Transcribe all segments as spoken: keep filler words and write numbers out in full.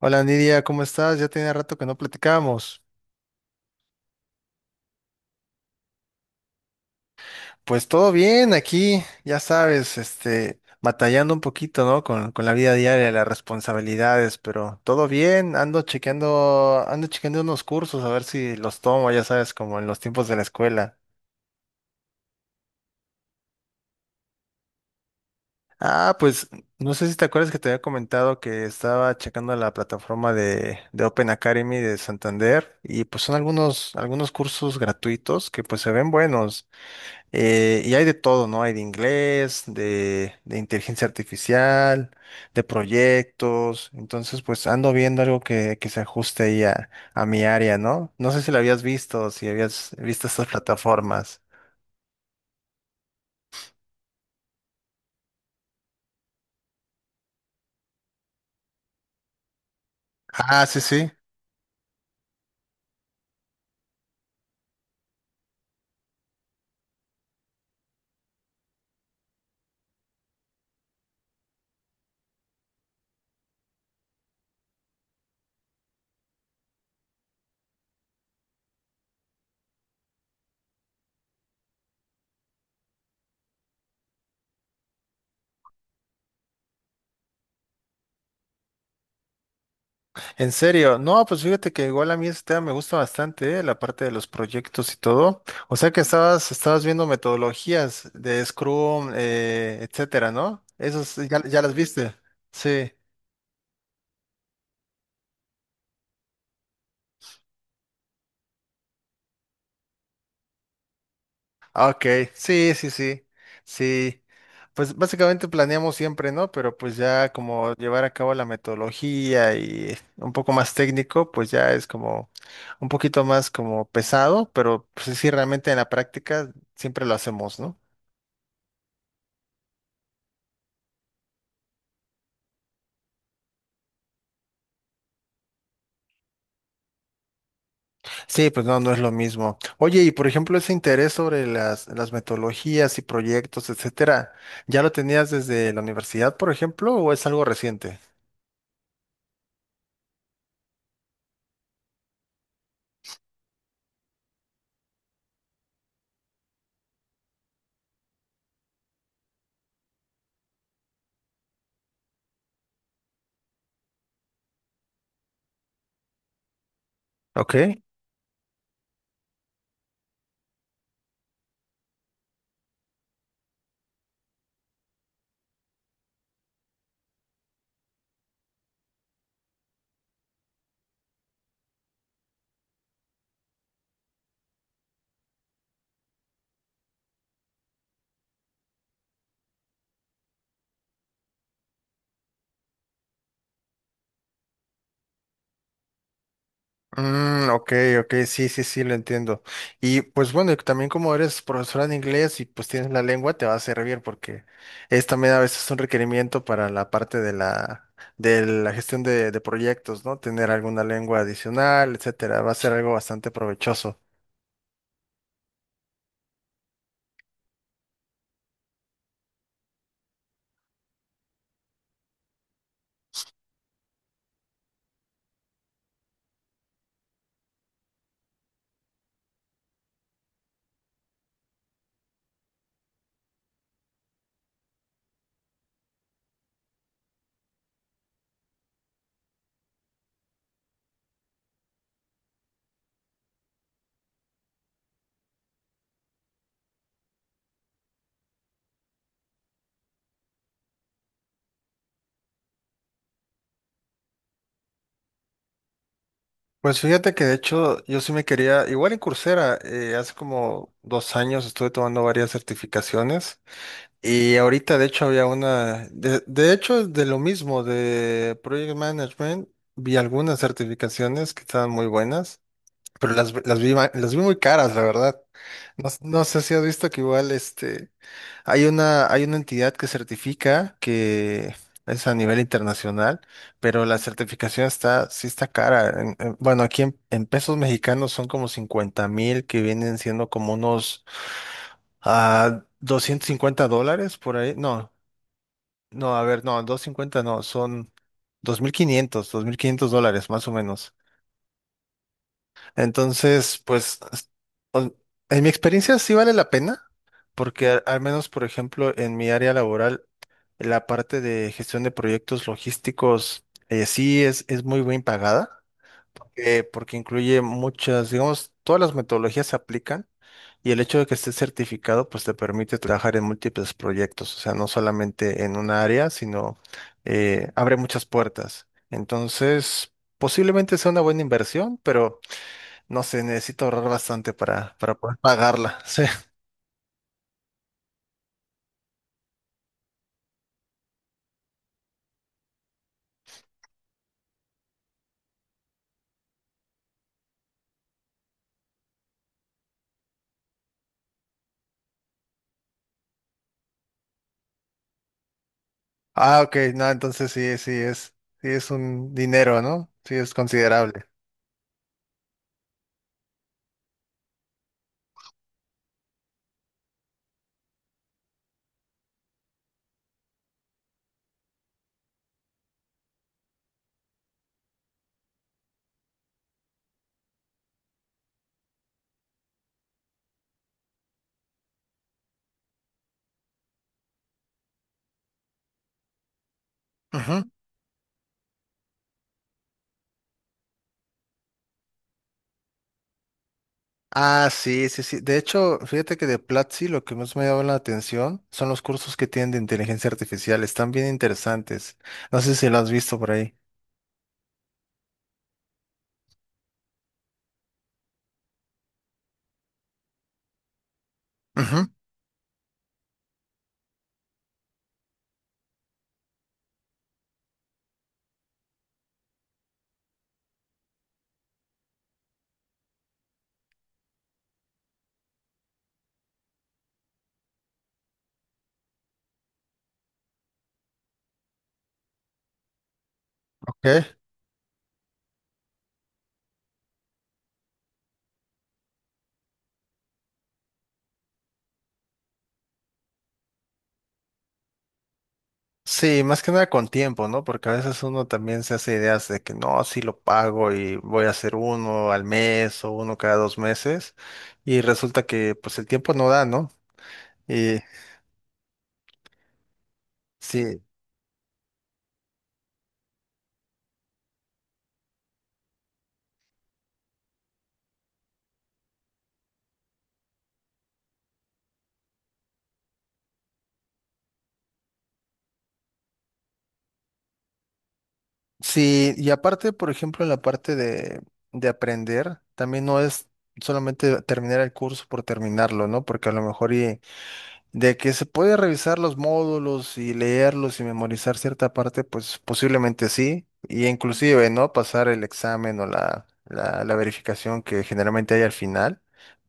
Hola Nidia, ¿cómo estás? Ya tenía rato que no platicábamos. Pues todo bien aquí, ya sabes, este, batallando un poquito, ¿no? Con, con la vida diaria, las responsabilidades, pero todo bien, ando chequeando, ando chequeando unos cursos a ver si los tomo, ya sabes, como en los tiempos de la escuela. Ah, pues no sé si te acuerdas que te había comentado que estaba checando la plataforma de, de Open Academy de Santander y pues son algunos, algunos cursos gratuitos que pues se ven buenos. Eh, y hay de todo, ¿no? Hay de inglés, de, de inteligencia artificial, de proyectos. Entonces, pues ando viendo algo que, que se ajuste ahí a, a mi área, ¿no? No sé si lo habías visto, si habías visto estas plataformas. Ah, sí, sí. En serio. No, pues fíjate que igual a mí este tema me gusta bastante, ¿eh? La parte de los proyectos y todo. O sea que estabas, estabas viendo metodologías de Scrum, eh, etcétera, ¿no? Esos ya, ya las viste. Sí. Ok, sí, sí, sí, sí. Pues básicamente planeamos siempre, ¿no? Pero pues ya como llevar a cabo la metodología y un poco más técnico, pues ya es como un poquito más como pesado, pero pues sí, realmente en la práctica siempre lo hacemos, ¿no? Sí, pues no, no es lo mismo. Oye, y por ejemplo, ese interés sobre las, las metodologías y proyectos, etcétera, ¿ya lo tenías desde la universidad, por ejemplo, o es algo reciente? Ok. Mm, ok, ok, sí, sí, sí, lo entiendo. Y pues bueno, y también como eres profesora de inglés y pues tienes la lengua, te va a servir porque es también a veces un requerimiento para la parte de la, de la gestión de, de proyectos, ¿no? Tener alguna lengua adicional, etcétera, va a ser algo bastante provechoso. Pues fíjate que de hecho yo sí me quería, igual en Coursera, eh, hace como dos años estuve tomando varias certificaciones. Y ahorita, de hecho, había una, de, de hecho, de lo mismo, de Project Management, vi algunas certificaciones que estaban muy buenas, pero las, las vi, ma- las vi muy caras, la verdad. No, no sé si has visto que igual, este, hay una, hay una entidad que certifica que es a nivel internacional, pero la certificación está, sí está cara. En- en- bueno, aquí en, en pesos mexicanos son como cincuenta mil que vienen siendo como unos ah, doscientos cincuenta dólares por ahí. No, no, a ver, no, doscientos cincuenta, no, son dos dos mil quinientos dos mil quinientos dólares más o menos. Entonces, pues, o- en mi experiencia sí vale la pena, porque al al menos, por ejemplo, en mi área laboral, la parte de gestión de proyectos logísticos eh, sí es, es muy bien pagada, eh, porque incluye muchas, digamos, todas las metodologías se aplican y el hecho de que estés certificado pues te permite trabajar en múltiples proyectos, o sea, no solamente en una área, sino eh, abre muchas puertas. Entonces, posiblemente sea una buena inversión, pero no sé, necesito ahorrar bastante para, para poder pagarla. Sí. Ah, ok, no, entonces sí, sí es, sí es un dinero, ¿no? Sí es considerable. Ujú. Ah, sí, sí, sí. De hecho, fíjate que de Platzi lo que más me llama la atención son los cursos que tienen de inteligencia artificial. Están bien interesantes. No sé si lo has visto por ahí. Ujú, ok. Sí, más que nada con tiempo, ¿no? Porque a veces uno también se hace ideas de que no, sí lo pago y voy a hacer uno al mes o uno cada dos meses. Y resulta que pues el tiempo no da, ¿no? Y sí. Sí, y aparte, por ejemplo, en la parte de, de aprender, también no es solamente terminar el curso por terminarlo, ¿no? Porque a lo mejor y de que se puede revisar los módulos y leerlos y memorizar cierta parte, pues posiblemente sí, y inclusive, ¿no? Pasar el examen o la, la, la verificación que generalmente hay al final.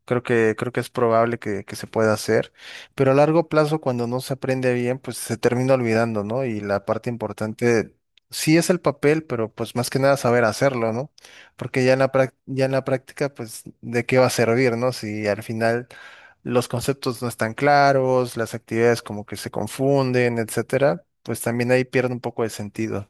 Creo que, creo que es probable que, que se pueda hacer, pero a largo plazo, cuando no se aprende bien, pues se termina olvidando, ¿no? Y la parte importante sí es el papel, pero pues más que nada saber hacerlo, ¿no? Porque ya en la, práct- ya en la práctica, pues, ¿de qué va a servir, ¿no? Si al final los conceptos no están claros, las actividades como que se confunden, etcétera, pues también ahí pierde un poco de sentido.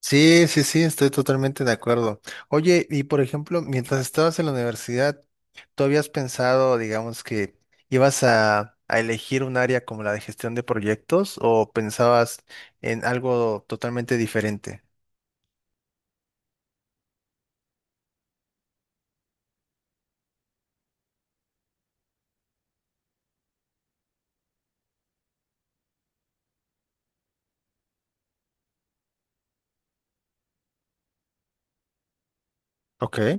Sí, sí, sí, estoy totalmente de acuerdo. Oye, y por ejemplo, mientras estabas en la universidad, ¿tú habías pensado, digamos, que ibas a, a elegir un área como la de gestión de proyectos o pensabas en algo totalmente diferente? Ok. Eh,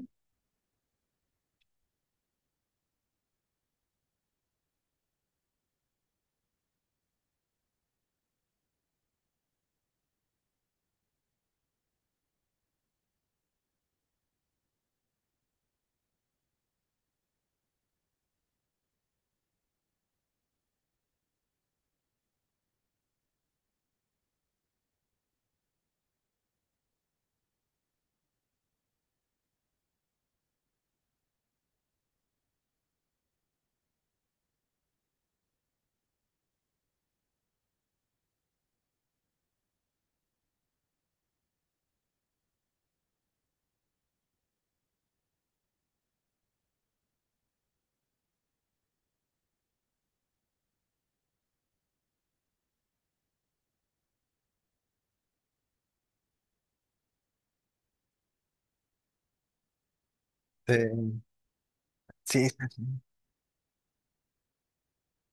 Sí, sí. Sí.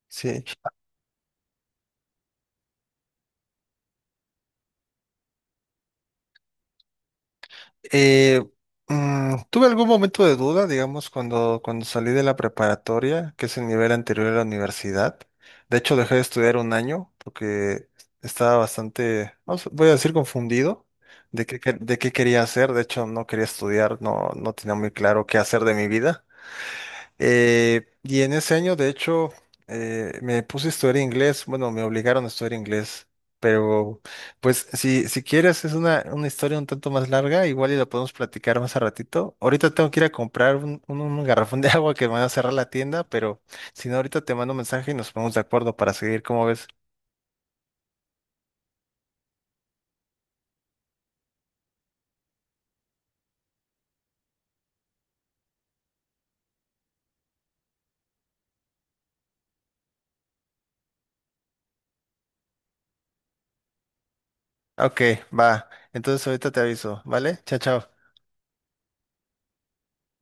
Sí. Eh, mm, tuve algún momento de duda, digamos, cuando, cuando salí de la preparatoria, que es el nivel anterior a la universidad. De hecho, dejé de estudiar un año porque estaba bastante, vamos, voy a decir, confundido de qué, que- de qué quería hacer. De hecho, no quería estudiar, no, no tenía muy claro qué hacer de mi vida. Eh, y en ese año, de hecho, eh, me puse a estudiar inglés. Bueno, me obligaron a estudiar inglés. Pero, pues, si, si quieres, es una, una historia un tanto más larga. Igual y la podemos platicar más a ratito. Ahorita tengo que ir a comprar un, un- un garrafón de agua que me van a cerrar la tienda. Pero si no, ahorita te mando un mensaje y nos ponemos de acuerdo para seguir. ¿Cómo ves? Ok, va. Entonces, ahorita te aviso, ¿vale? Chao, chao.